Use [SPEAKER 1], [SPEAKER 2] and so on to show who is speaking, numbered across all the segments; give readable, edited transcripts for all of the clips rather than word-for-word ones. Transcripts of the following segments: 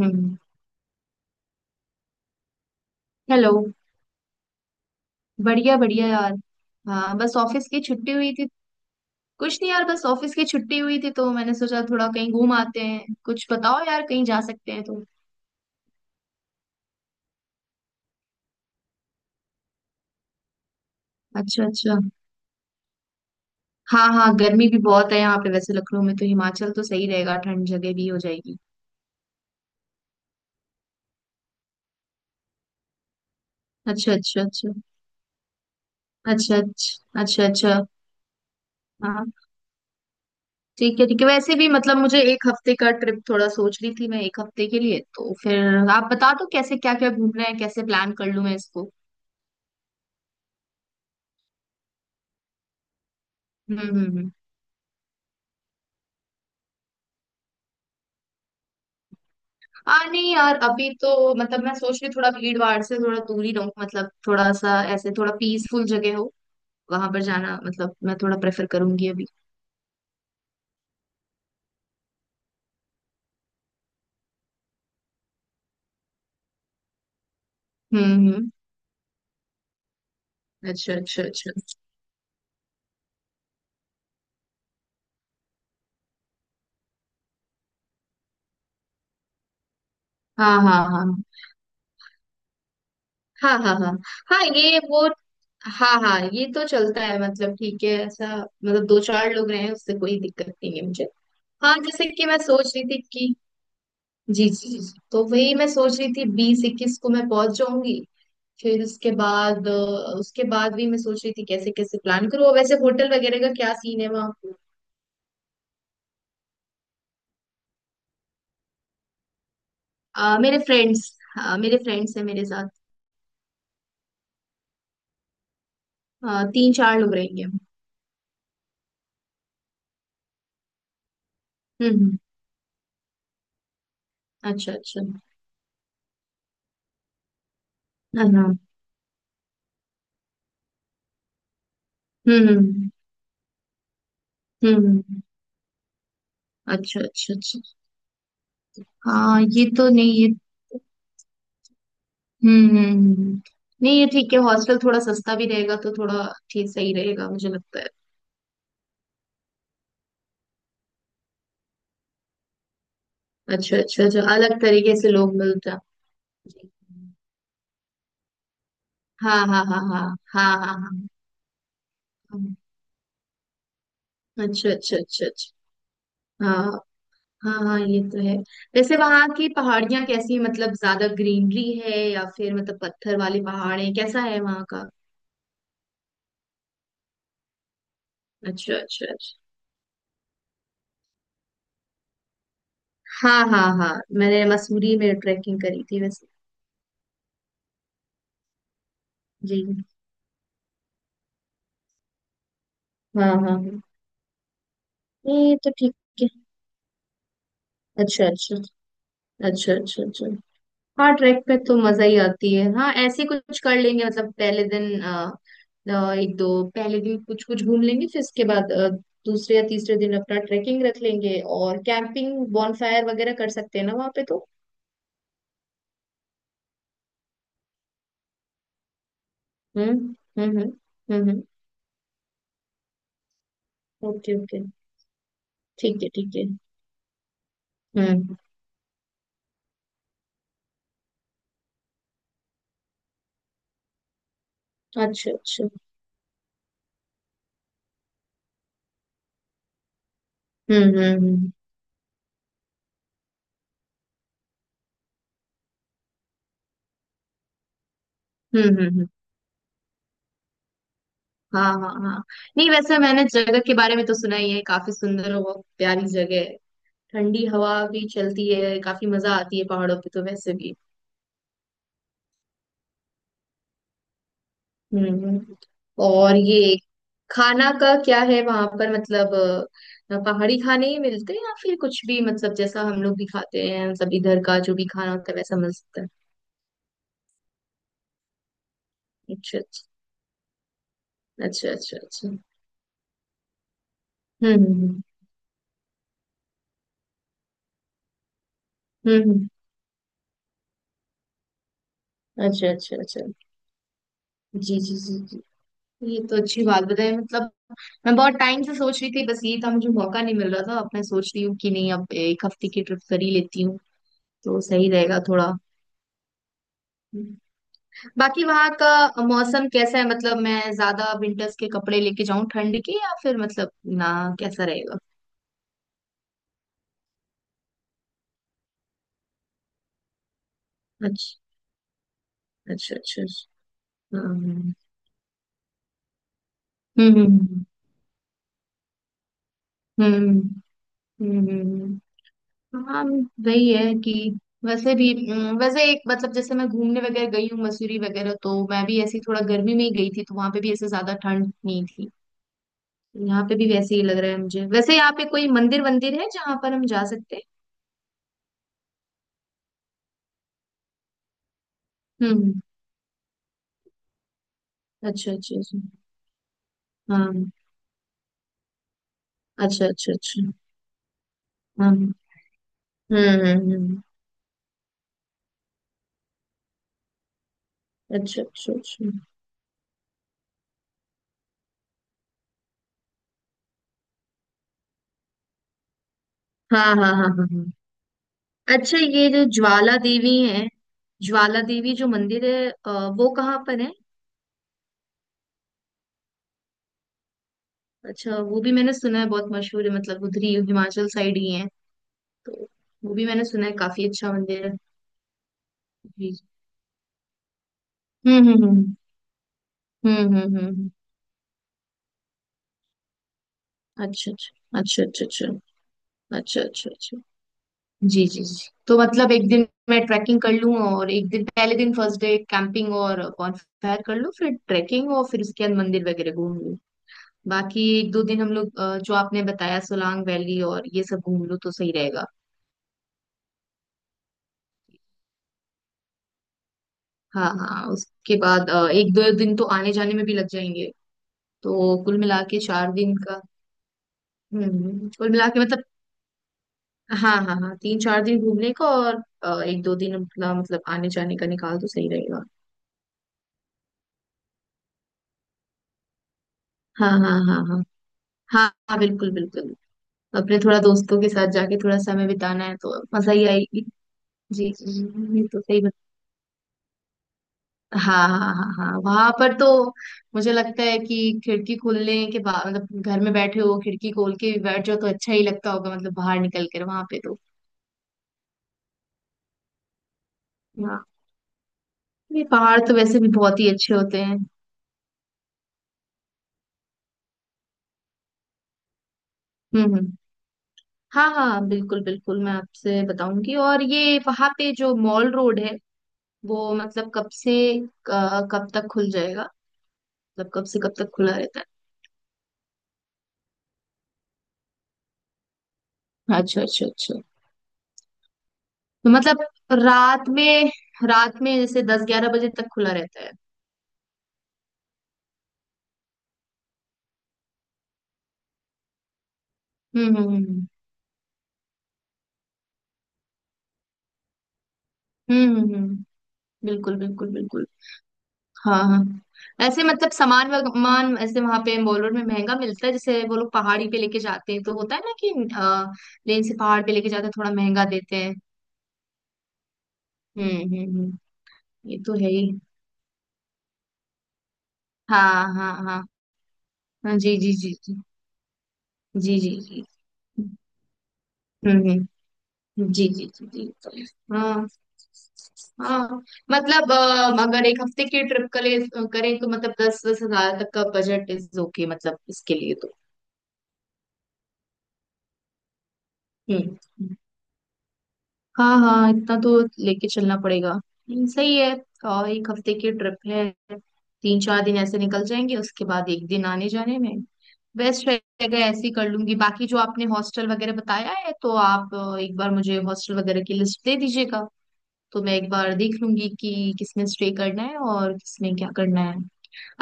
[SPEAKER 1] हम्म। Hello. बढ़िया बढ़िया यार। हाँ, बस ऑफिस की छुट्टी हुई थी। कुछ नहीं यार, बस ऑफिस की छुट्टी हुई थी तो मैंने सोचा थोड़ा कहीं घूम आते हैं, कुछ बताओ यार कहीं जा सकते हैं तो। अच्छा अच्छा। हाँ हाँ, गर्मी भी बहुत है यहाँ पे वैसे लखनऊ में, तो हिमाचल तो सही रहेगा, ठंड जगह भी हो जाएगी। अच्छा अच्छा अच्छा अच्छा अच्छा अच्छा अच्छा। हाँ, ठीक है ठीक है, वैसे भी मतलब मुझे एक हफ्ते का ट्रिप थोड़ा सोच रही थी, मैं एक हफ्ते के लिए, तो फिर आप बता दो कैसे, क्या क्या घूमना है, कैसे प्लान कर लूँ मैं इसको। हम्म हम्म हम्म। आ नहीं यार, अभी तो मतलब मैं सोच रही हूँ थोड़ा भीड़ भाड़ से थोड़ा दूर ही रहूँ, मतलब थोड़ा सा ऐसे थोड़ा पीसफुल जगह हो, वहां पर जाना मतलब मैं थोड़ा प्रेफर करूंगी अभी। हम्म। अच्छा अच्छा अच्छा। हाँ हाँ हाँ हाँ हाँ हाँ। हाँ ये वो, हाँ हाँ, ये तो चलता है, मतलब ठीक है, ऐसा मतलब दो चार लोग रहे हैं उससे कोई दिक्कत नहीं है मुझे। हाँ जैसे कि मैं सोच रही थी कि। जी जी जी जी। तो वही मैं सोच रही थी 20-21 को मैं पहुंच जाऊंगी, फिर उसके बाद उसके बाद भी मैं सोच रही थी कैसे कैसे प्लान करूँ, और वैसे होटल वगैरह का क्या सीन है वहाँ। अ, मेरे फ्रेंड्स मेरे फ्रेंड्स हैं मेरे साथ। तीन चार लोग रहेंगे हम। हम्म हम्म, अच्छा अच्छा। हाँ हाँ, हम्म हम्म हम्म, हम्म, हम्म। अच्छा अच्छा अच्छा। हाँ ये तो नहीं ये। हम्म। नहीं ये ठीक है, हॉस्टल थोड़ा सस्ता भी रहेगा तो थोड़ा ठीक सही रहेगा मुझे लगता है। अच्छा अच्छा अच्छा, अलग तरीके से लोग मिलते हैं। हाँ हाँ हाँ हाँ। हाँ हाँ हाँ हाँ। अच्छा अच्छा अच्छा अच्छा। हाँ हाँ हाँ ये तो है। वैसे वहां की पहाड़ियाँ कैसी हैं? मतलब ज्यादा ग्रीनरी है या फिर मतलब पत्थर वाले पहाड़ है, कैसा है वहां का। अच्छा अच्छा अच्छा। हाँ हाँ हाँ, मैंने मसूरी में ट्रैकिंग करी थी वैसे। जी। हाँ हाँ हाँ। ये तो ठीक है। अच्छा अच्छा अच्छा अच्छा अच्छा। हाँ, ट्रैक पे तो मजा ही आती है, हाँ ऐसे कुछ कर लेंगे, मतलब पहले दिन एक दो पहले दिन कुछ कुछ घूम लेंगे, फिर इसके बाद दूसरे या तीसरे दिन अपना ट्रैकिंग रख लेंगे और कैंपिंग बॉनफायर वगैरह कर सकते हैं ना वहाँ पे तो। हम्म हम्म। Okay okay. ठीक है ठीक है। हम्म। अच्छा अच्छा। हम्म हम्म हम्म हम्म हम्म हम्म, हाँ हाँ हाँ। नहीं वैसे मैंने जगह के बारे में तो सुना ही है, काफी सुंदर और बहुत प्यारी जगह है। ठंडी हवा भी चलती है, काफी मजा आती है पहाड़ों पे तो वैसे भी। हम्म। और ये खाना का क्या है वहां पर, मतलब पहाड़ी खाने ही मिलते हैं या फिर कुछ भी, मतलब जैसा हम लोग भी खाते हैं मतलब इधर का जो भी खाना होता है वैसा मिल सकता है। अच्छा अच्छा अच्छा अच्छा अच्छा। हम्म हम्म हम्म हम्म, अच्छा अच्छा अच्छा। जी जी जी जी। ये तो अच्छी बात बताई, मतलब मैं बहुत टाइम से सोच रही थी, बस ये था मुझे मौका नहीं मिल रहा था, अब मैं सोच रही हूँ कि नहीं अब एक हफ्ते की ट्रिप कर ही लेती हूँ तो सही रहेगा थोड़ा। बाकी वहां का मौसम कैसा है, मतलब मैं ज्यादा विंटर्स के कपड़े लेके जाऊं ठंड के या फिर मतलब, ना, कैसा रहेगा। अच्छा अच्छा अच्छा अच्छा। हम्म हम्म हम्म हम्म हम्म, हम्म, हम्म। हाँ, वही है कि वैसे भी वैसे एक मतलब, जैसे मैं घूमने वगैरह गई हूँ मसूरी वगैरह, तो मैं भी ऐसी थोड़ा गर्मी में ही गई थी तो वहां पे भी ऐसे ज्यादा ठंड नहीं थी। यहाँ पे भी वैसे ही लग रहा है मुझे। वैसे यहाँ पे कोई मंदिर वंदिर है जहाँ पर हम जा सकते हैं? हम्म। अच्छा अच्छा अच्छा। हाँ। अच्छा अच्छा अच्छा। हाँ। हम्म हम्म, अच्छा अच्छा अच्छा। हाँ हाँ हाँ हाँ हाँ। अच्छा, ये जो ज्वाला देवी है, ज्वाला देवी जो मंदिर है, वो कहाँ पर है? अच्छा, वो भी मैंने सुना है, बहुत मशहूर है, मतलब उधर ही हिमाचल साइड ही है तो। वो भी मैंने सुना है, काफी अच्छा मंदिर है। जी। हम्म हम्म हम्म हम्म हम्म हम्म, हम्म। अच्छा अच्छा अच्छा अच्छा अच्छा अच्छा अच्छा अच्छा। जी जी जी, तो मतलब एक दिन मैं ट्रैकिंग कर लूँ और एक दिन पहले दिन फर्स्ट डे कैंपिंग और बॉनफायर कर लूँ, फिर ट्रैकिंग और फिर उसके बाद मंदिर वगैरह घूम लूँ। बाकी एक दो दिन हम लोग जो आपने बताया सोलांग वैली और ये सब घूम लूँ तो सही रहेगा। हाँ हाँ, उसके बाद एक दो दिन तो आने जाने में भी लग जाएंगे, तो कुल मिला के चार दिन का। हम्म, कुल मिला के मतलब, हाँ हाँ हाँ तीन चार दिन घूमने का और एक दो दिन अपना, मतलब आने जाने का, निकाल तो सही रहेगा। हाँ हाँ हाँ हाँ। हाँ हाँ बिल्कुल बिल्कुल। अपने थोड़ा दोस्तों के साथ जाके थोड़ा समय बिताना है तो मजा ही आएगी। जी जी, ये तो सही बत... हाँ हाँ हाँ हाँ वहां पर तो मुझे लगता है कि खिड़की खोलने के बाद, मतलब घर में बैठे हो खिड़की खोल के भी बैठ जाओ तो अच्छा ही लगता होगा, मतलब बाहर निकल कर वहां पे तो। हाँ, ये पहाड़ तो वैसे भी बहुत ही अच्छे होते हैं। हम्म। हाँ हाँ बिल्कुल बिल्कुल, मैं आपसे बताऊंगी। और ये वहां पे जो मॉल रोड है वो मतलब कब से कब तक खुल जाएगा, मतलब कब से कब तक खुला रहता है? अच्छा अच्छा अच्छा, तो मतलब रात में रात में जैसे 10-11 बजे तक खुला रहता है? हम्म हम्म हम्म। बिल्कुल बिल्कुल बिल्कुल। हाँ हाँ, ऐसे मतलब सामान वामान ऐसे वहां पे मॉल रोड में महंगा मिलता है, जैसे वो लोग पहाड़ी पे लेके जाते हैं तो होता है ना कि अ, लेन से पहाड़ पे लेके जाते हैं थोड़ा महंगा देते हैं। हम्म। ये तो है ही। हाँ हाँ हाँ हाँ। जी जी जी जी जी जी जी। हम्म हम्म। जी जी जी जी, तो हाँ हाँ, मतलब अगर एक हफ्ते की ट्रिप करें तो मतलब दस दस हजार तक का बजट इज ओके मतलब इसके लिए तो। हम्म। हाँ हाँ, इतना तो लेके चलना पड़ेगा, सही है। और एक हफ्ते की ट्रिप है, तीन चार दिन ऐसे निकल जाएंगे उसके बाद एक दिन आने जाने में, बेस्ट रहेगा, ऐसे ही कर लूंगी। बाकी जो आपने हॉस्टल वगैरह बताया है, तो आप एक बार मुझे हॉस्टल वगैरह की लिस्ट दे दीजिएगा तो मैं एक बार देख लूंगी कि किसमें स्टे करना है और किसमें क्या करना है।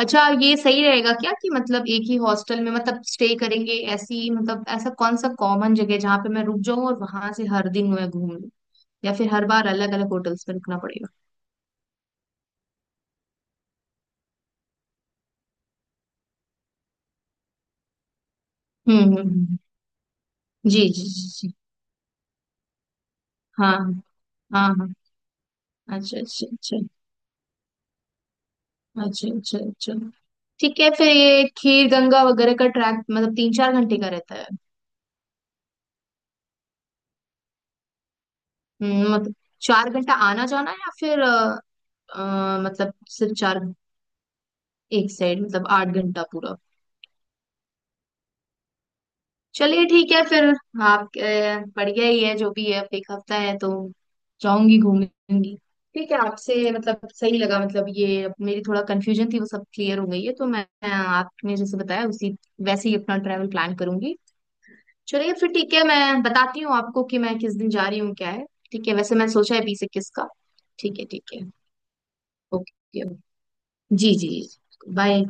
[SPEAKER 1] अच्छा, ये सही रहेगा क्या कि मतलब एक ही हॉस्टल में मतलब स्टे करेंगे, ऐसी मतलब ऐसा कौन सा कॉमन जगह है जहाँ पे मैं रुक जाऊं और वहां से हर दिन मैं घूम लूं, या फिर हर बार अलग अलग होटल्स में रुकना पड़ेगा? हम्म। जी जी जी जी। हाँ हाँ हाँ। अच्छा अच्छा अच्छा अच्छा अच्छा अच्छा। ठीक है फिर, ये खीर गंगा वगैरह का ट्रैक मतलब तीन चार घंटे का रहता है? मतलब 4 घंटा आना जाना, या फिर मतलब सिर्फ चार एक साइड, मतलब 8 घंटा पूरा? चलिए ठीक है फिर। आप बढ़िया ही है जो भी है, अब एक हफ्ता है तो जाऊंगी घूमूंगी। ठीक है, आपसे मतलब सही लगा, मतलब ये अब मेरी थोड़ा कंफ्यूजन थी वो सब क्लियर हो गई है, तो मैं आपने जैसे बताया उसी वैसे ही अपना ट्रैवल प्लान करूंगी। चलिए फिर ठीक है, मैं बताती हूँ आपको कि मैं किस दिन जा रही हूँ क्या है। ठीक है, वैसे मैं सोचा है 20-21 का। ठीक है ठीक है। ओके जी। जी। बाय।